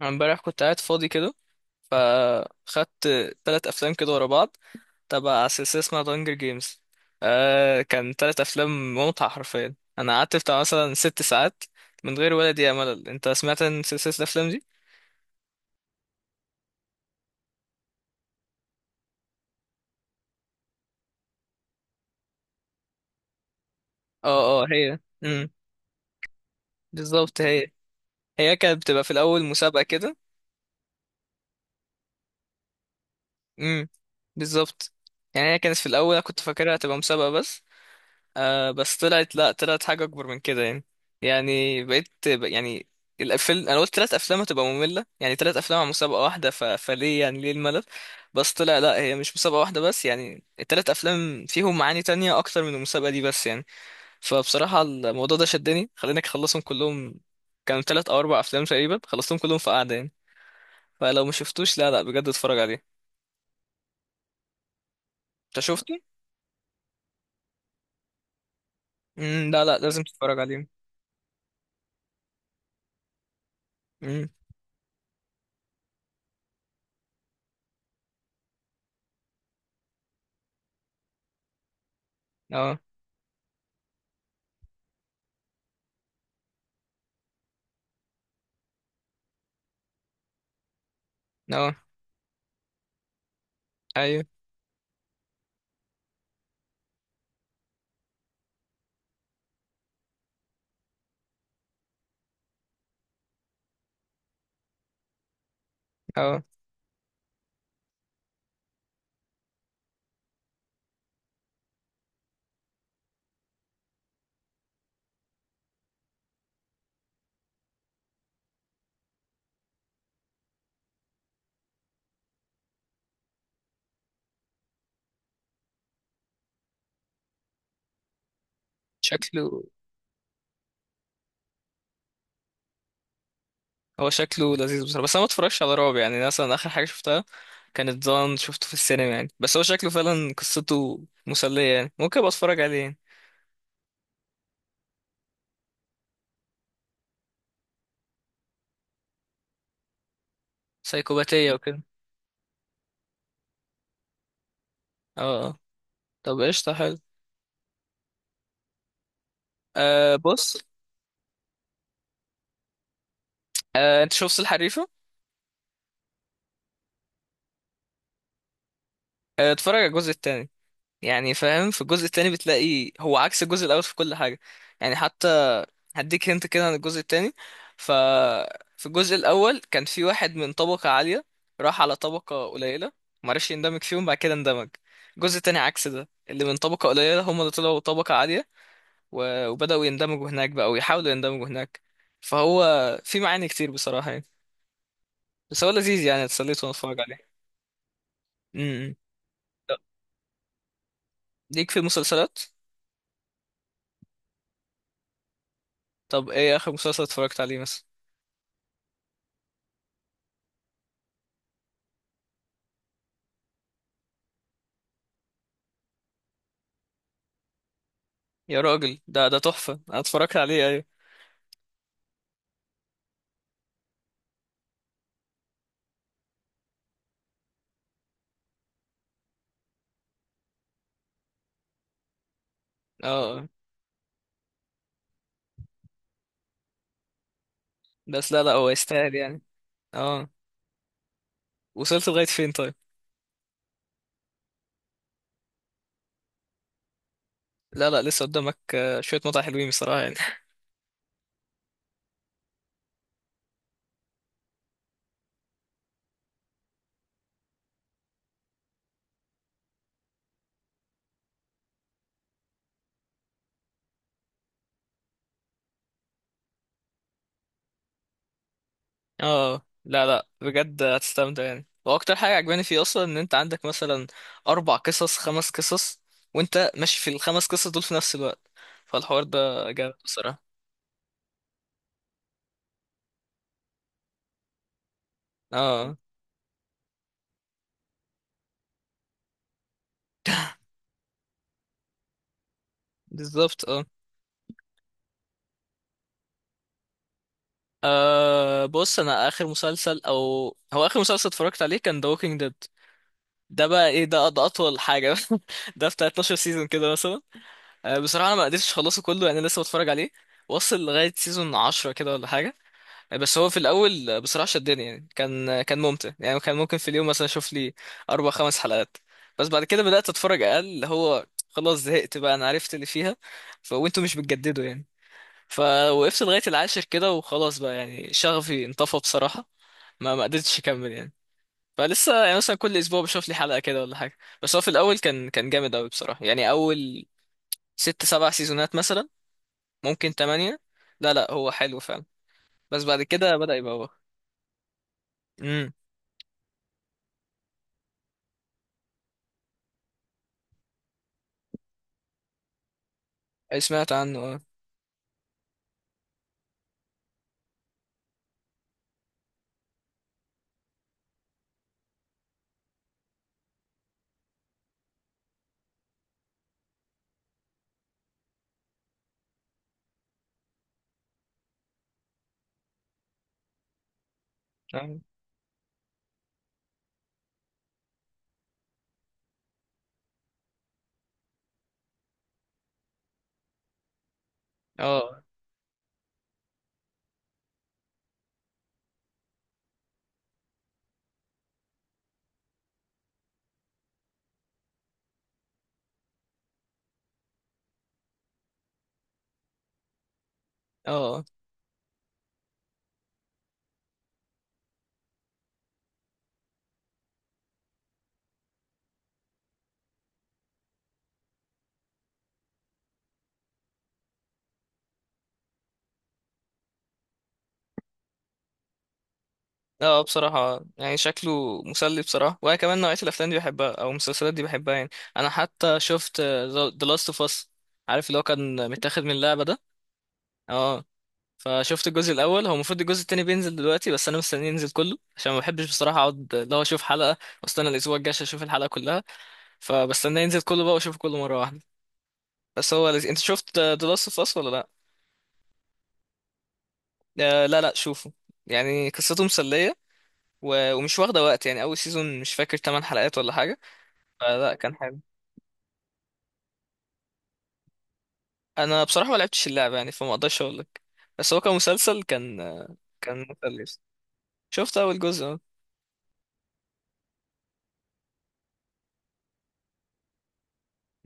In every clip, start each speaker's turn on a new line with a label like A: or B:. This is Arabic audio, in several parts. A: أنا امبارح كنت قاعد فاضي كده، فخدت تلات أفلام كده ورا بعض، تبع سلسلة اسمها دانجر جيمز. كان تلات أفلام ممتعة، حرفيا أنا قعدت بتاع مثلا ست ساعات من غير ولا دقيقة ملل. أنت سمعت عن سلسلة الأفلام دي؟ اه، اه، هي بالظبط هي. هي كانت بتبقى في الأول مسابقة كده. امم بالظبط. يعني هي كانت في الأول، أنا كنت فاكرها هتبقى مسابقة بس. بس طلعت، لا، طلعت حاجة أكبر من كده يعني. يعني بقيت يعني الأفلام، أنا قلت تلات أفلام هتبقى مملة، يعني تلات أفلام على مسابقة واحدة، ف... فليه يعني، ليه الملل؟ بس طلع لا، هي مش مسابقة واحدة بس، يعني التلات أفلام فيهم معاني تانية أكتر من المسابقة دي بس يعني. فبصراحة الموضوع ده شدني، خليني أخلصهم كلهم. كانوا تلات أو أربع أفلام تقريبا، خلصتهم كلهم في قعدة يعني. فلو ما شفتوش، لا لا بجد اتفرج عليه. أنت شفته؟ مم، لا لا لازم تتفرج عليه. مم، اه، اه، أيوه، اه، شكله هو شكله لذيذ بصراحة، بس انا ما اتفرجش على رعب يعني. أنا مثلا اخر حاجة شفتها كانت ضان، شفته في السينما يعني، بس هو شكله فعلا قصته مسلية يعني، ممكن ابقى اتفرج عليه يعني. سايكوباتية وكده. اه، آه. طب قشطة حلو. بص. انت شفت الحريفة؟ آه، اتفرج على الجزء التاني. يعني فاهم، في الجزء التاني بتلاقي هو عكس الجزء الاول في كل حاجه يعني. حتى هديك، هنت كده عن الجزء التاني. ف في الجزء الاول كان في واحد من طبقه عاليه، راح على طبقه قليله، معرفش يندمج فيهم، بعد كده اندمج. الجزء التاني عكس ده، اللي من طبقه قليله هم اللي طلعوا طبقه عاليه، و... وبداوا يندمجوا هناك بقى، ويحاولوا يندمجوا هناك. فهو في معاني كتير بصراحه يعني، بس هو لذيذ يعني، اتسليت وانا اتفرج عليه. امم. طب، ليك في المسلسلات؟ طب ايه اخر مسلسل اتفرجت عليه مثلا؟ يا راجل، ده تحفة، انا اتفرجت عليه ايوه. اه، آه. بس لا لا هو يستاهل يعني. اه. وصلت لغاية فين طيب؟ لا لا لسه قدامك. آه، شوية متعة حلوين بصراحة يعني. اه، لا لا بجد هتستمتع يعني، واكتر حاجة عجباني فيه اصلا ان انت عندك مثلا اربع قصص، خمس قصص، وانت ماشي في الخمس قصص دول في نفس الوقت، فالحوار ده جامد بصراحة. اه، بالظبط اه. بص انا اخر مسلسل، او هو اخر مسلسل اتفرجت عليه كان The Walking Dead. ده بقى ايه، ده اطول حاجه. ده بتاع 12 سيزون كده مثلا. بصراحه انا ما قدرتش اخلصه كله يعني، لسه بتفرج عليه. واصل لغايه سيزون 10 كده ولا حاجه. بس هو في الاول بصراحه شدني يعني، كان ممتع يعني. كان ممكن في اليوم مثلا اشوف لي اربع خمس حلقات. بس بعد كده بدات اتفرج اقل، اللي هو خلاص زهقت بقى، انا عرفت اللي فيها. وانتوا مش بتجددوا يعني. فوقفت لغايه العاشر كده وخلاص بقى يعني، شغفي انطفى بصراحه، ما قدرتش اكمل يعني. فلسه يعني مثلا كل اسبوع بشوف لي حلقه كده ولا حاجه. بس هو في الاول كان جامد قوي بصراحه يعني، اول ست سبع سيزونات مثلا، ممكن تمانية. لا لا هو حلو فعلا، بس بعد كده بدأ يبقى هو. امم. سمعت عنه اه. اه، اه، اه. بصراحة يعني شكله مسلي بصراحة، وأنا كمان نوعية الأفلام دي بحبها، أو المسلسلات دي بحبها يعني. أنا حتى شفت The Last of Us، عارف اللي هو كان متاخد من اللعبة ده. اه. فشفت الجزء الاول، هو المفروض الجزء التاني بينزل دلوقتي، بس انا مستني ينزل كله عشان ما بحبش بصراحه اقعد اللي هو اشوف حلقه واستنى الاسبوع الجاي عشان اشوف الحلقه كلها. فبستنى ينزل كله بقى واشوفه كله مره واحده. بس هو لذيذ. انت شفت ذا لاست اوف اس ولا لا؟ آه، لا لا شوفه. يعني قصته مسليه، و- ومش واخده وقت يعني، اول سيزون مش فاكر 8 حلقات ولا حاجه، فلا كان حلو. انا بصراحه ما لعبتش اللعبه يعني، فما اقدرش اقول لك، بس هو كمسلسل كان مسلي. شفت اول جزء اه.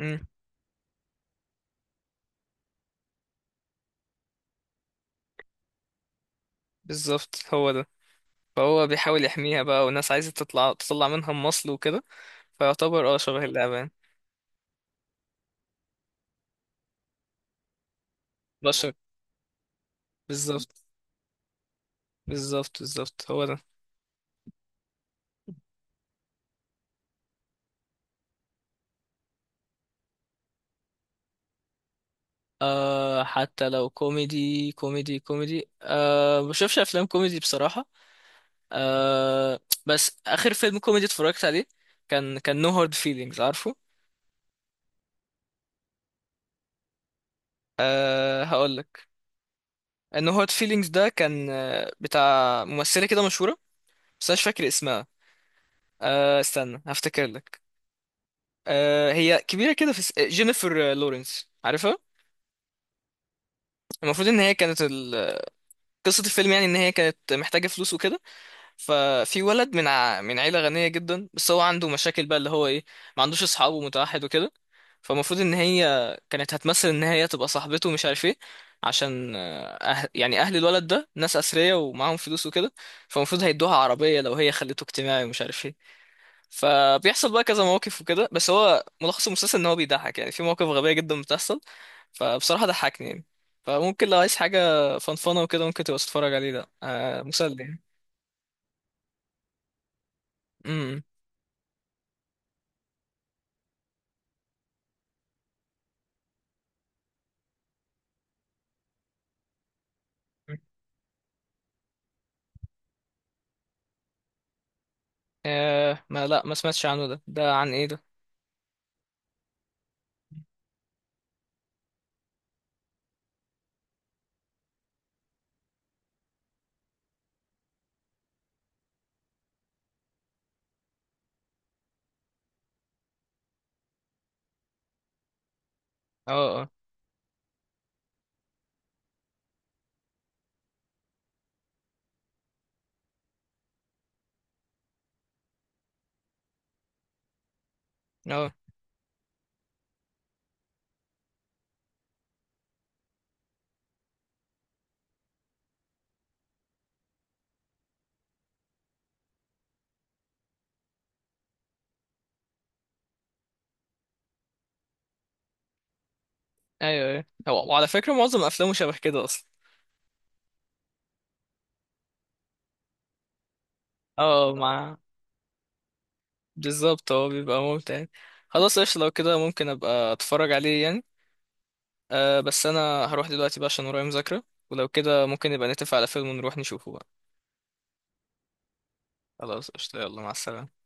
A: أمم، بالظبط هو ده. فهو بيحاول يحميها بقى، والناس عايزة تطلع، تطلع منها مصل وكده. فيعتبر اه شبه اللعبة. بشر، بالظبط، بالظبط، بالظبط، هو ده. آه، حتى لو كوميدي، كوميدي، كوميدي، بشوفش أفلام كوميدي بصراحة. آه. بس آخر فيلم كوميدي اتفرجت عليه كان No Hard Feelings، عارفه؟ آه هقول لك. No Hard Feelings ده كان بتاع ممثلة كده مشهورة، بس أنا مش فاكر اسمها. آه استنى هفتكر لك. هي كبيرة كده في جينيفر لورنس، عارفها. المفروض ان هي كانت قصة الفيلم يعني ان هي كانت محتاجة فلوس وكده. ففي ولد من من عيلة غنية جدا، بس هو عنده مشاكل بقى اللي هو ايه، ما عندوش اصحاب ومتوحد وكده. فالمفروض ان هي كانت هتمثل ان هي تبقى صاحبته ومش عارف ايه، عشان يعني اهل الولد ده ناس اثرياء ومعاهم فلوس وكده، فالمفروض هيدوها عربية لو هي خليته اجتماعي ومش عارف ايه. فبيحصل بقى كذا مواقف وكده، بس هو ملخص المسلسل ان هو بيضحك يعني، في مواقف غبية جدا بتحصل، فبصراحة ضحكني يعني، فممكن لو عايز حاجة فنفنة وكده ممكن تبقى تتفرج عليه، ده مسلي يعني. امم. ما لا ما سمعتش عنه ده، ده عن ايه ده؟ اه، اه، اه، ايوه، ايوه، وعلى فكرة معظم افلامه شبه كده اصلا. اه، مع، بالظبط هو بيبقى ممتع يعني. خلاص قشطة، لو كده ممكن ابقى اتفرج عليه يعني. أه بس انا هروح دلوقتي بقى عشان ورايا مذاكرة، ولو كده ممكن نبقى نتفق على فيلم ونروح نشوفه بقى. خلاص قشطة، يلا مع السلامة.